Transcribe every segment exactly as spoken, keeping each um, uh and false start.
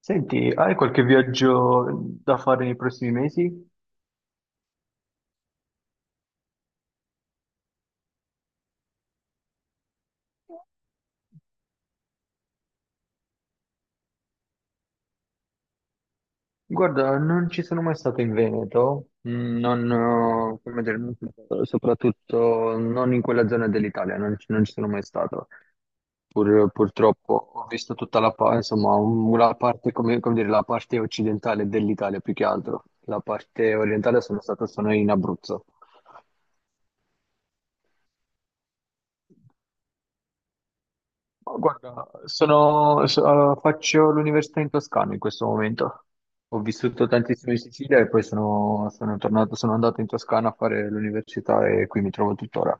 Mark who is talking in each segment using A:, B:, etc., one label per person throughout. A: Senti, hai qualche viaggio da fare nei prossimi mesi? Guarda, non ci sono mai stato in Veneto, mm, non, eh, come dire, non- soprattutto non in quella zona dell'Italia, non, ci non ci sono mai stato. Pur- purtroppo ho visto tutta la, pa- insomma, un- la parte, come, come dire, la parte occidentale dell'Italia più che altro. La parte orientale sono stato solo in Abruzzo. Ma guarda, sono, so- allora, faccio l'università in Toscana in questo momento. Ho vissuto tantissimo in Sicilia e poi sono, sono tornato, sono andato in Toscana a fare l'università e qui mi trovo tuttora.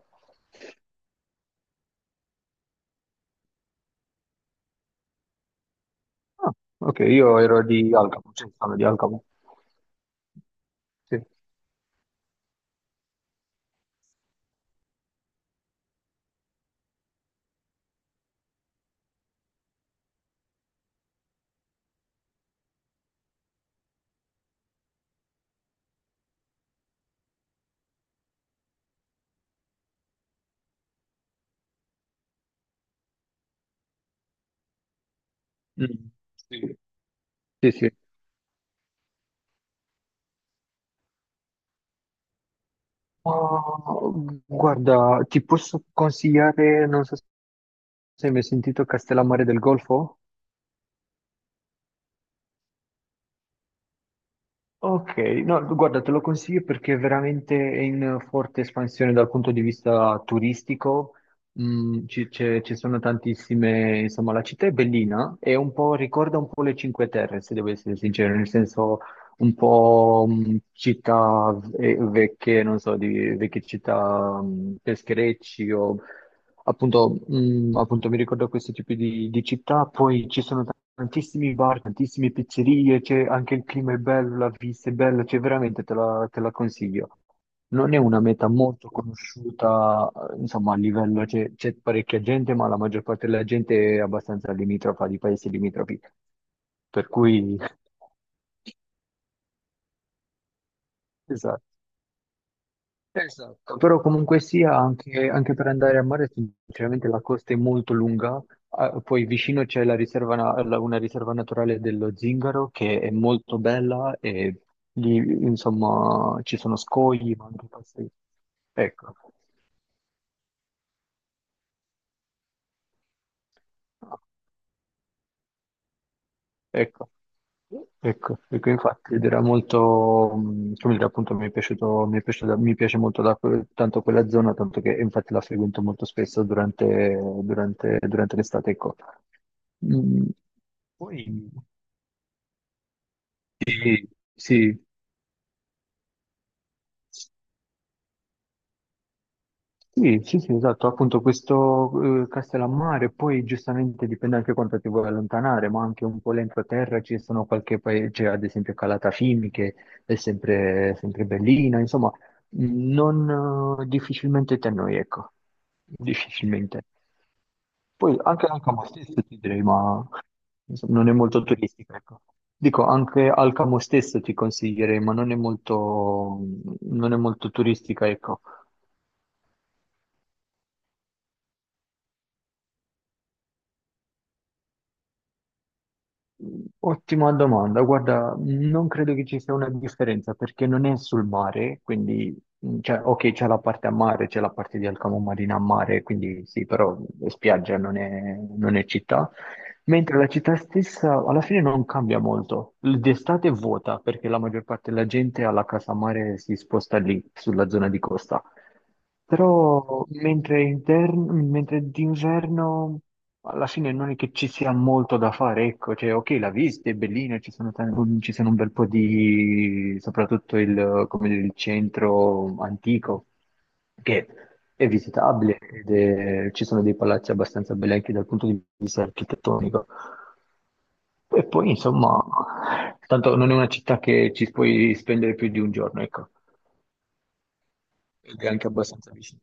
A: Ah, ok, io ero di Alcamo, cioè sono di Alcamo. Sì. Mm, sì. Sì, sì. Ma, guarda, ti posso consigliare, non so se hai mai sentito Castellammare del Golfo? Ok, no, guarda, te lo consiglio perché veramente è in forte espansione dal punto di vista turistico. Mm, ci, c'è- ci sono tantissime, insomma, la città è bellina e un po', ricorda un po' le Cinque Terre, se devo essere sincero, nel senso un po' mm, città ve- vecchie, non so, di vecchie città mm, pescherecci o Appunto, mm, appunto, mi ricordo questi tipi di, di città, poi ci sono tantissimi bar, tantissime pizzerie, c'è anche il clima è bello, la vista è bella, cioè veramente te la, te la consiglio. Non è una meta molto conosciuta, eh, insomma, a livello, c'è c'è parecchia gente, ma la maggior parte della gente è abbastanza limitrofa, di paesi limitrofi, per cui, esatto. Esatto, però comunque sia anche, anche per andare a mare, sinceramente la costa è molto lunga. Ah, poi vicino c'è la riserva na- la- una riserva naturale dello Zingaro che è molto bella e lì insomma ci sono scogli, ma anche passi. Ecco. Ecco, ecco, ecco, infatti ed era molto, mh, come dire, appunto mi è piaciuto, mi è piaciuta- mi piace molto la- tanto quella zona, tanto che infatti la frequento molto spesso durante, durante- durante l'estate, ecco. Mm, Poi, sì, sì. Sì, sì, sì, esatto, appunto questo eh, Castellammare, poi giustamente dipende anche quanto ti vuoi allontanare, ma anche un po' l'entroterra ci sono qualche paese, ad esempio Calatafimi, che è sempre, sempre bellina, insomma, non eh, difficilmente te noi, ecco, difficilmente. Poi anche Alcamo stesso ti direi, ma insomma, non è molto turistica, ecco. Dico, anche Alcamo stesso ti consiglierei, ma non è molto, non è molto turistica, ecco. Ottima domanda. Guarda, non credo che ci sia una differenza perché non è sul mare, quindi, mh, cioè, ok, c'è la parte a mare, c'è la parte di Alcamo Marina a mare, quindi sì, però è spiaggia non è, non è città. Mentre la città stessa alla fine non cambia molto. L- D'estate è vuota perché la maggior parte della gente alla casa mare si sposta lì, sulla zona di costa. Però mentre, intern- mentre d'inverno alla fine non è che ci sia molto da fare, ecco, cioè ok la vista è bellina, ci sono, tan- ci sono un bel po' di, soprattutto il, come dire, il centro antico, che è visitabile ed è- ci sono dei palazzi abbastanza belli anche dal punto di vista architettonico. E poi, insomma, tanto non è una città che ci puoi spendere più di un giorno, ecco, ed è anche abbastanza vicino.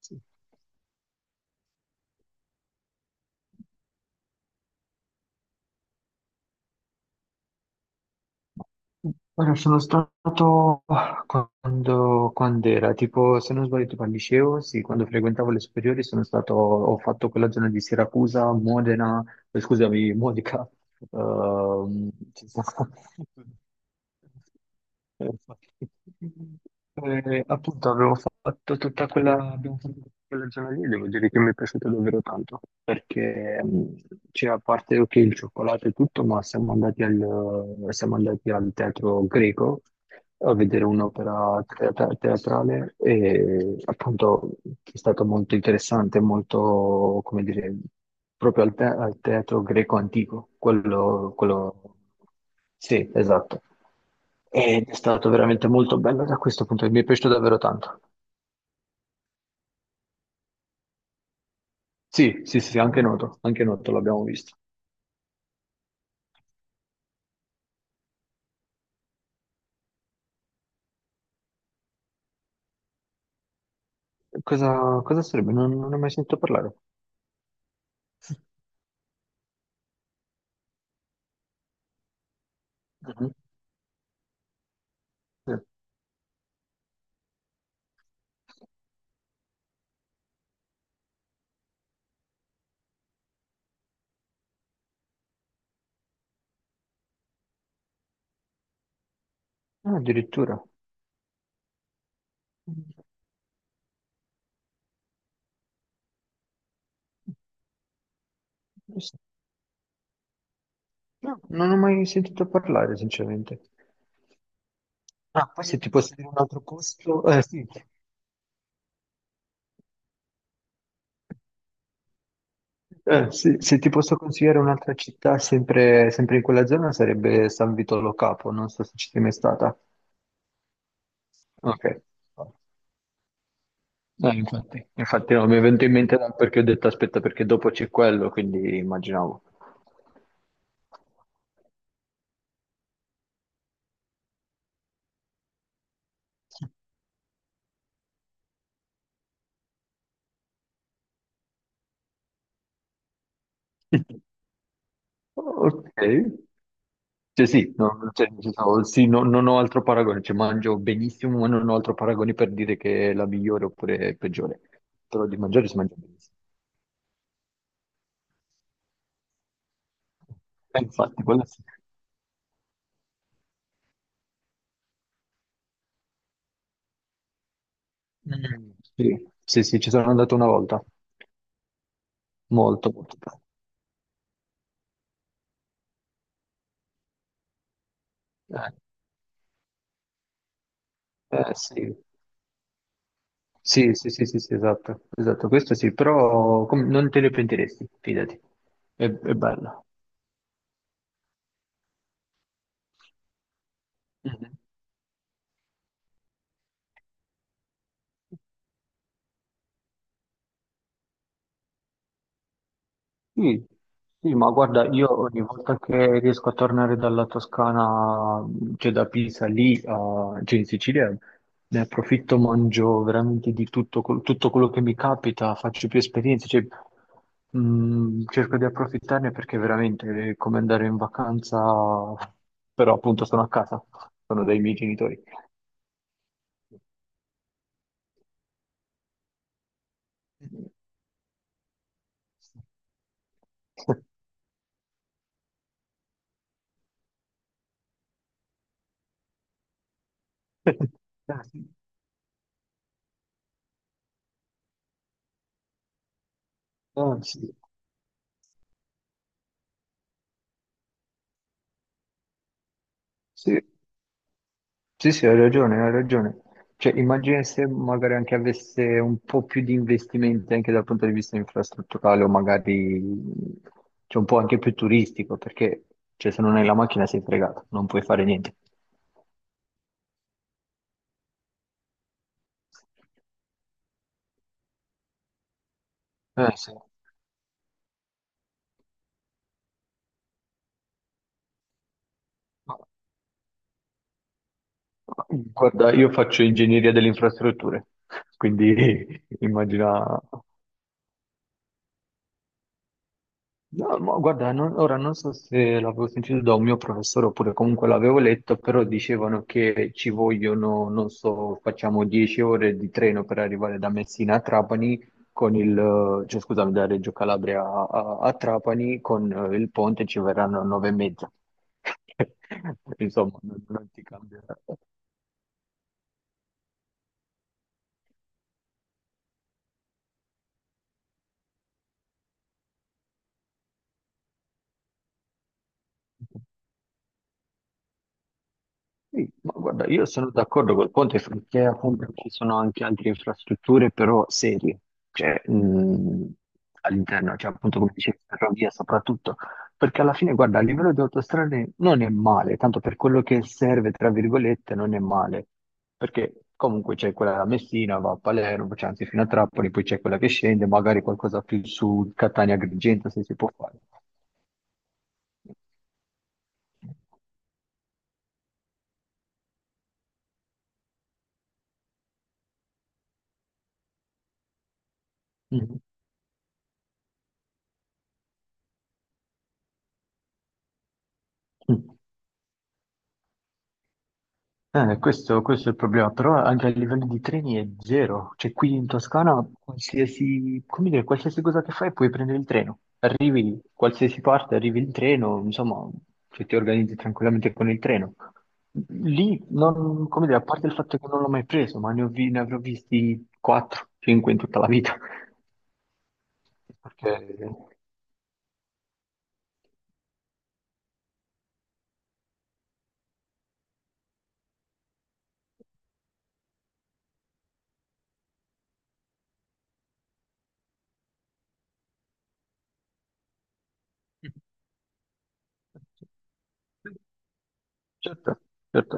A: Sì. Allora, sono stato quando, quando era, tipo, se non sbaglio, tipo al liceo, sì, quando frequentavo le superiori sono stato, ho fatto quella zona di Siracusa, Modena, eh, scusami, Modica, ehm, ci sono- Eh, appunto avevo fatto tutta quella, abbiamo fatto tutta quella zona lì, devo dire che mi è piaciuto davvero tanto, perché mh, cioè, a parte ok, il cioccolato e tutto, ma siamo andati al, siamo andati al teatro greco a vedere un'opera teatra- teatrale e appunto è stato molto interessante, molto, come dire, proprio al, te- al teatro greco antico, quello, quello... Sì, esatto. Ed è stato veramente molto bello da questo punto, mi è piaciuto davvero tanto. Sì, sì, sì, sì, anche Noto, anche Noto l'abbiamo visto. Cosa, cosa sarebbe? Non, non ne ho mai sentito parlare. Mhm. Eh, ah, addirittura. No, non ho mai sentito parlare, sinceramente. Ah, poi se ti posso dire un altro posto, eh, sì. Eh, sì, se ti posso consigliare un'altra città, sempre, sempre in quella zona, sarebbe San Vito Lo Capo, non so se ci sei mai stata. Ok. Eh, infatti, infatti no, mi è venuto in mente da- perché ho detto aspetta perché dopo c'è quello, quindi immaginavo. Ok, cioè sì, no, cioè, nel senso, sì, no- non ho altro paragone, cioè mangio benissimo, ma non ho altro paragone per dire che è la migliore oppure peggiore, però di mangiare si mangia benissimo. Eh, infatti, quello sì. Mm, sì, sì, sì, ci sono andato una volta, molto, molto bene. Eh, eh, sì. Sì, sì, sì, sì, sì, esatto, esatto, questo sì, però com- non te ne pentiresti, fidati, è, è bello. Mhm. Sì, sì, ma guarda, io ogni volta che riesco a tornare dalla Toscana, cioè da Pisa lì, a- cioè in Sicilia, ne approfitto, mangio veramente di tutto, quel- tutto quello che mi capita, faccio più esperienze, cioè, mh, cerco di approfittarne perché veramente è come andare in vacanza, però appunto sono a casa, sono dai miei genitori. Ah, sì. Ah, sì. Sì. Sì, sì, hai ragione, hai ragione. Cioè, immagina se magari anche avesse un po' più di investimenti anche dal punto di vista infrastrutturale o magari cioè, un po' anche più turistico, perché cioè, se non hai la macchina sei fregato, non puoi fare niente. Eh, sì. Guarda, io faccio ingegneria delle infrastrutture, quindi immagina. No, ma guarda, non- ora non so se l'avevo sentito da un mio professore oppure comunque l'avevo letto, però dicevano che ci vogliono, non so, facciamo dieci ore di treno per arrivare da Messina a Trapani, con il, cioè scusami, da Reggio Calabria a, a- a Trapani, con eh, il ponte ci verranno nove e mezza. Insomma, non, non ti cambia. Sì, ma guarda, io sono d'accordo col ponte perché appunto ci sono anche altre infrastrutture però serie, cioè mh, all'interno, cioè appunto come dicevi, ferrovia soprattutto, perché alla fine, guarda, a livello di autostrade non è male, tanto per quello che serve, tra virgolette, non è male, perché comunque c'è quella da Messina, va a Palermo, c'è anzi fino a Trapani, poi c'è quella che scende, magari qualcosa più su Catania-Agrigento se si può fare. Mm. Eh, questo, questo è il problema, però anche a livello di treni è zero, cioè qui in Toscana qualsiasi, come dire, qualsiasi cosa che fai puoi prendere il treno, arrivi qualsiasi parte, arrivi il treno, insomma, cioè, ti organizzi tranquillamente con il treno. Lì, non, come dire, a parte il fatto che non l'ho mai preso, ma ne ho vi- ne avrò visti quattro cinque in tutta la vita, perché... Certo, certo.